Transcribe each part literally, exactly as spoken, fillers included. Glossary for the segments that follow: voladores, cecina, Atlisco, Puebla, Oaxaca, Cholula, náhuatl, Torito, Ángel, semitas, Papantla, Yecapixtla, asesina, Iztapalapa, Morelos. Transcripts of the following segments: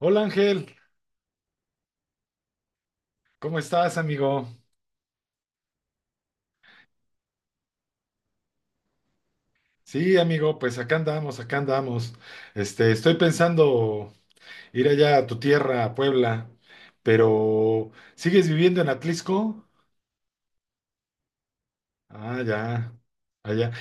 Hola Ángel, ¿cómo estás, amigo? Sí, amigo, pues acá andamos, acá andamos. Este, estoy pensando ir allá a tu tierra, a Puebla, pero ¿sigues viviendo en Atlisco? Ah, ya, allá.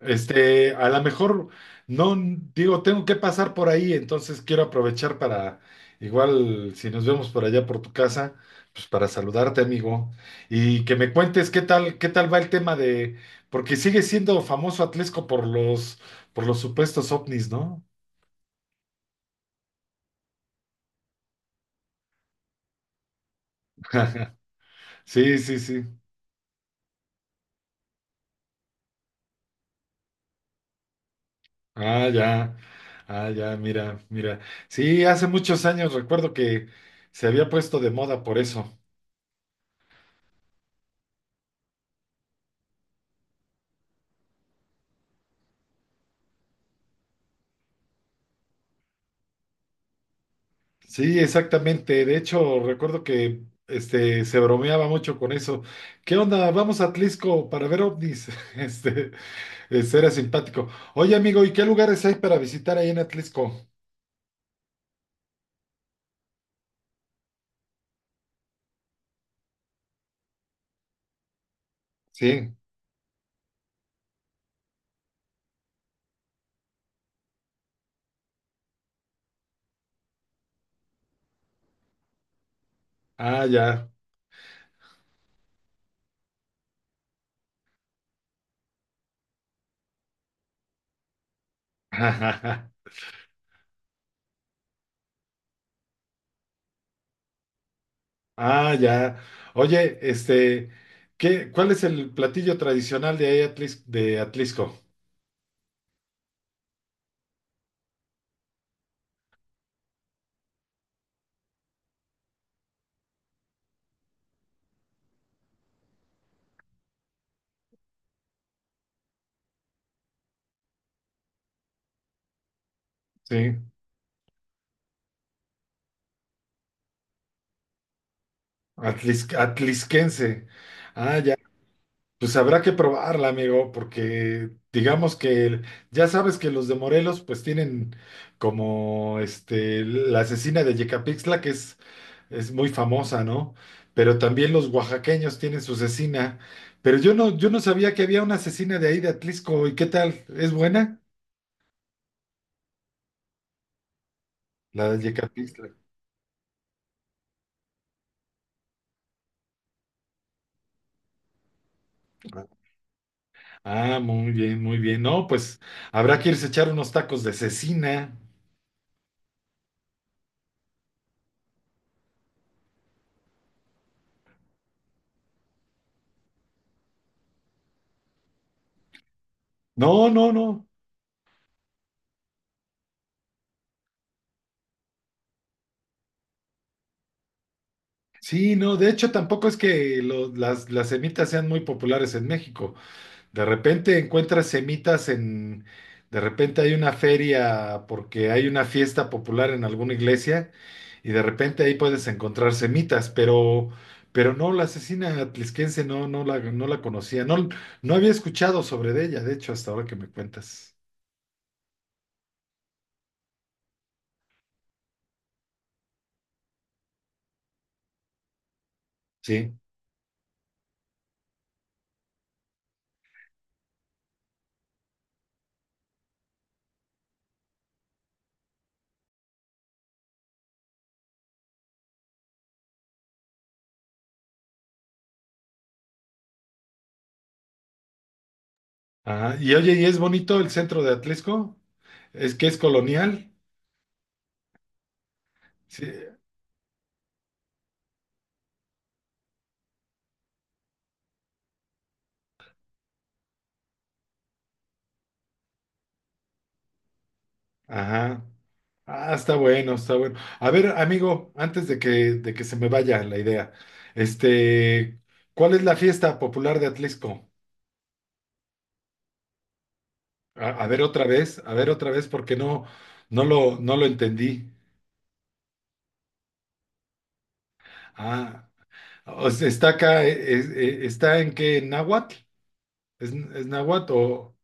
Este, a lo mejor, no, digo, tengo que pasar por ahí, entonces quiero aprovechar para, igual, si nos vemos por allá por tu casa, pues para saludarte, amigo, y que me cuentes qué tal, qué tal va el tema de, porque sigue siendo famoso Atlesco por los, por los supuestos ovnis, ¿no? Sí, sí, sí. Ah, ya. Ah, ya, mira, mira. Sí, hace muchos años recuerdo que se había puesto de moda por eso. Sí, exactamente. De hecho, recuerdo que este, se bromeaba mucho con eso. ¿Qué onda? Vamos a Atlisco para ver ovnis. Este, este, era simpático. Oye, amigo, ¿y qué lugares hay para visitar ahí en Atlisco? Sí. Ah, ya. Ah, ya. Oye, este, ¿qué, cuál es el platillo tradicional de ahí Atlis- de Atlisco? Sí. Atlis- atlisquense. Ah, ya. Pues habrá que probarla, amigo, porque digamos que el- ya sabes que los de Morelos pues tienen como este la asesina de Yecapixtla, que es, es muy famosa, ¿no? Pero también los oaxaqueños tienen su asesina. Pero yo no, yo no sabía que había una asesina de ahí de Atlisco. ¿Y qué tal? ¿Es buena? La de Yecapixtla. Ah, muy bien, muy bien. No, pues habrá que irse a echar unos tacos de cecina. No, no, no. Sí, no, de hecho tampoco es que lo- las, las semitas sean muy populares en México. De repente encuentras semitas en, de repente hay una feria porque hay una fiesta popular en alguna iglesia y de repente ahí puedes encontrar semitas, pero, pero no, la asesina atlisquense no, no la, no la conocía, no, no había escuchado sobre de ella, de hecho, hasta ahora que me cuentas. Sí. Ajá. Y oye, ¿y es bonito el centro de Atlisco? ¿Es que es colonial? Sí. Ajá. Ah, está bueno, está bueno. A ver, amigo, antes de que, de que se me vaya la idea, este, ¿cuál es la fiesta popular de Atlisco? A, a ver otra vez, a ver otra vez, porque no, no lo, no lo entendí. Ah, o sea, está acá, eh, eh, eh, ¿está en qué? ¿En náhuatl? ¿Es, es náhuatl o...?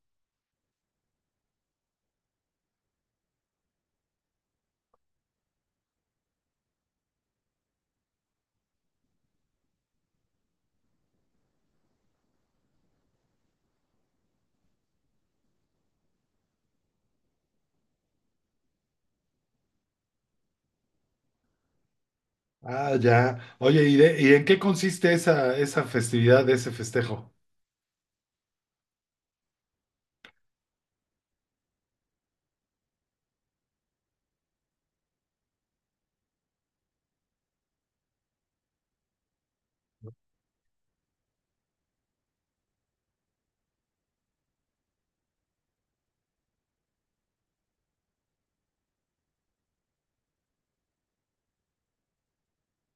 Ah, ya. Oye, ¿y, de- y en qué consiste esa, esa festividad, ese festejo?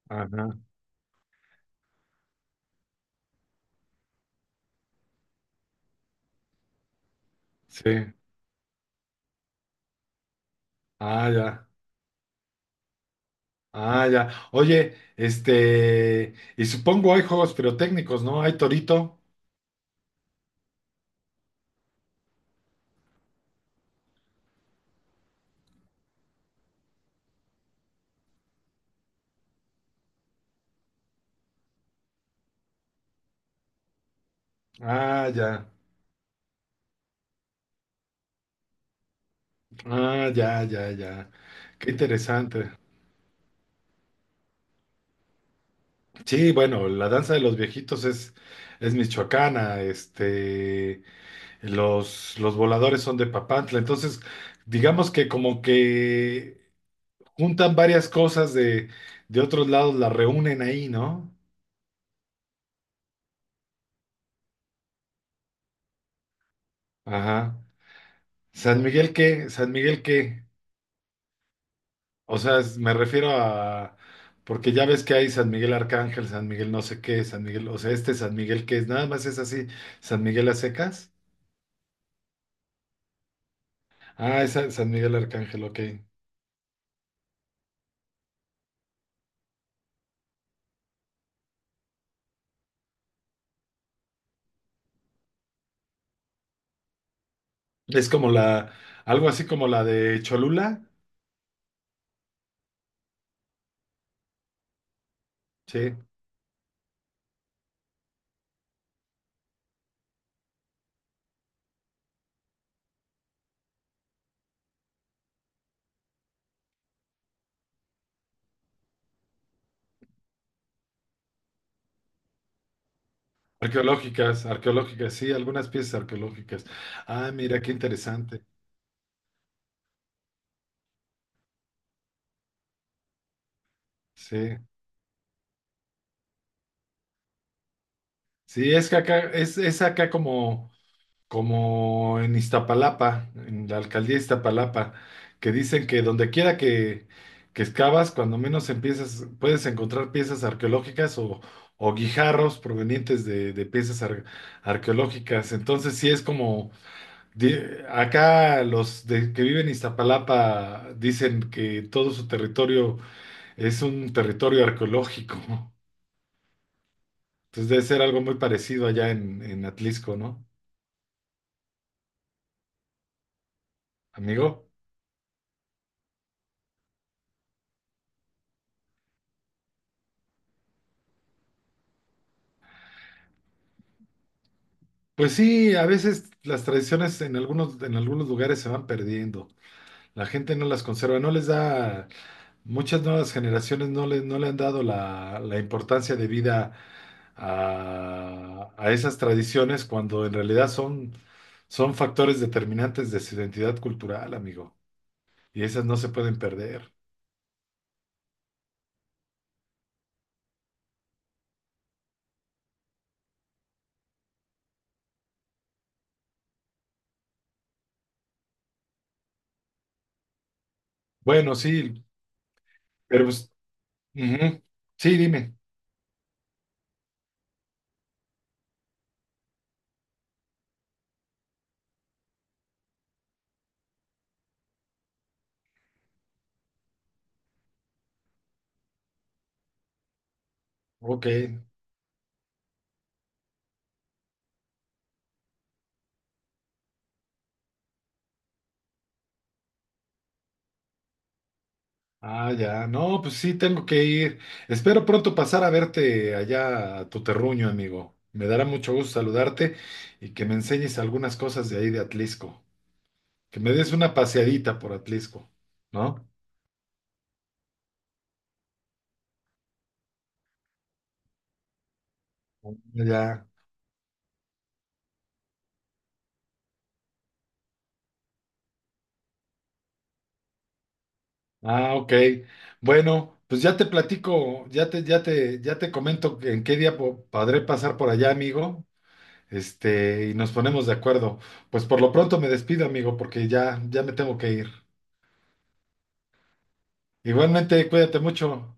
Ajá, sí. Ah, ya. Ah, ya. Oye, este, y supongo hay juegos pirotécnicos, ¿no? Hay Torito. Ah, ya. Ah, ya, ya, ya. Qué interesante. Sí, bueno, la danza de los viejitos es, es michoacana, este, los, los voladores son de Papantla. Entonces, digamos que como que juntan varias cosas de, de otros lados, las reúnen ahí, ¿no? Ajá. San Miguel, ¿qué? San Miguel, ¿qué? O sea, es- me refiero a, porque ya ves que hay San Miguel Arcángel, San Miguel no sé qué, San Miguel, o sea, este San Miguel que es, nada más es así, San Miguel a secas. Ah, es San San Miguel Arcángel, ok. Es como la, algo así como la de Cholula, sí. Arqueológicas, arqueológicas, sí, algunas piezas arqueológicas. Ah, mira, qué interesante. Sí, sí, es que acá, es, es acá como... como en Iztapalapa, en la alcaldía de Iztapalapa, que dicen que donde quiera que, que excavas, cuando menos empiezas, puedes encontrar piezas arqueológicas o, o guijarros provenientes de, de piezas ar- arqueológicas. Entonces, sí es como, di- acá los de- que viven en Iztapalapa dicen que todo su territorio es un territorio arqueológico. Entonces debe ser algo muy parecido allá en, en Atlisco, ¿no, amigo? Pues sí, a veces las tradiciones en algunos, en algunos lugares se van perdiendo. La gente no las conserva, no les da, muchas nuevas generaciones no le, no le han dado la, la importancia de vida a, a esas tradiciones cuando en realidad son, son factores determinantes de su identidad cultural, amigo. Y esas no se pueden perder. Bueno, sí, pero pues, ujú. Sí, dime. Ok. Ah, ya. No, pues sí, tengo que ir. Espero pronto pasar a verte allá a tu terruño, amigo. Me dará mucho gusto saludarte y que me enseñes algunas cosas de ahí de Atlisco. Que me des una paseadita por Atlisco, ¿no? Ya. Ah, ok. Bueno, pues ya te platico, ya te, ya te, ya te comento en qué día po- podré pasar por allá, amigo. Este, y nos ponemos de acuerdo. Pues por lo pronto me despido, amigo, porque ya, ya me tengo que ir. Igualmente, cuídate mucho.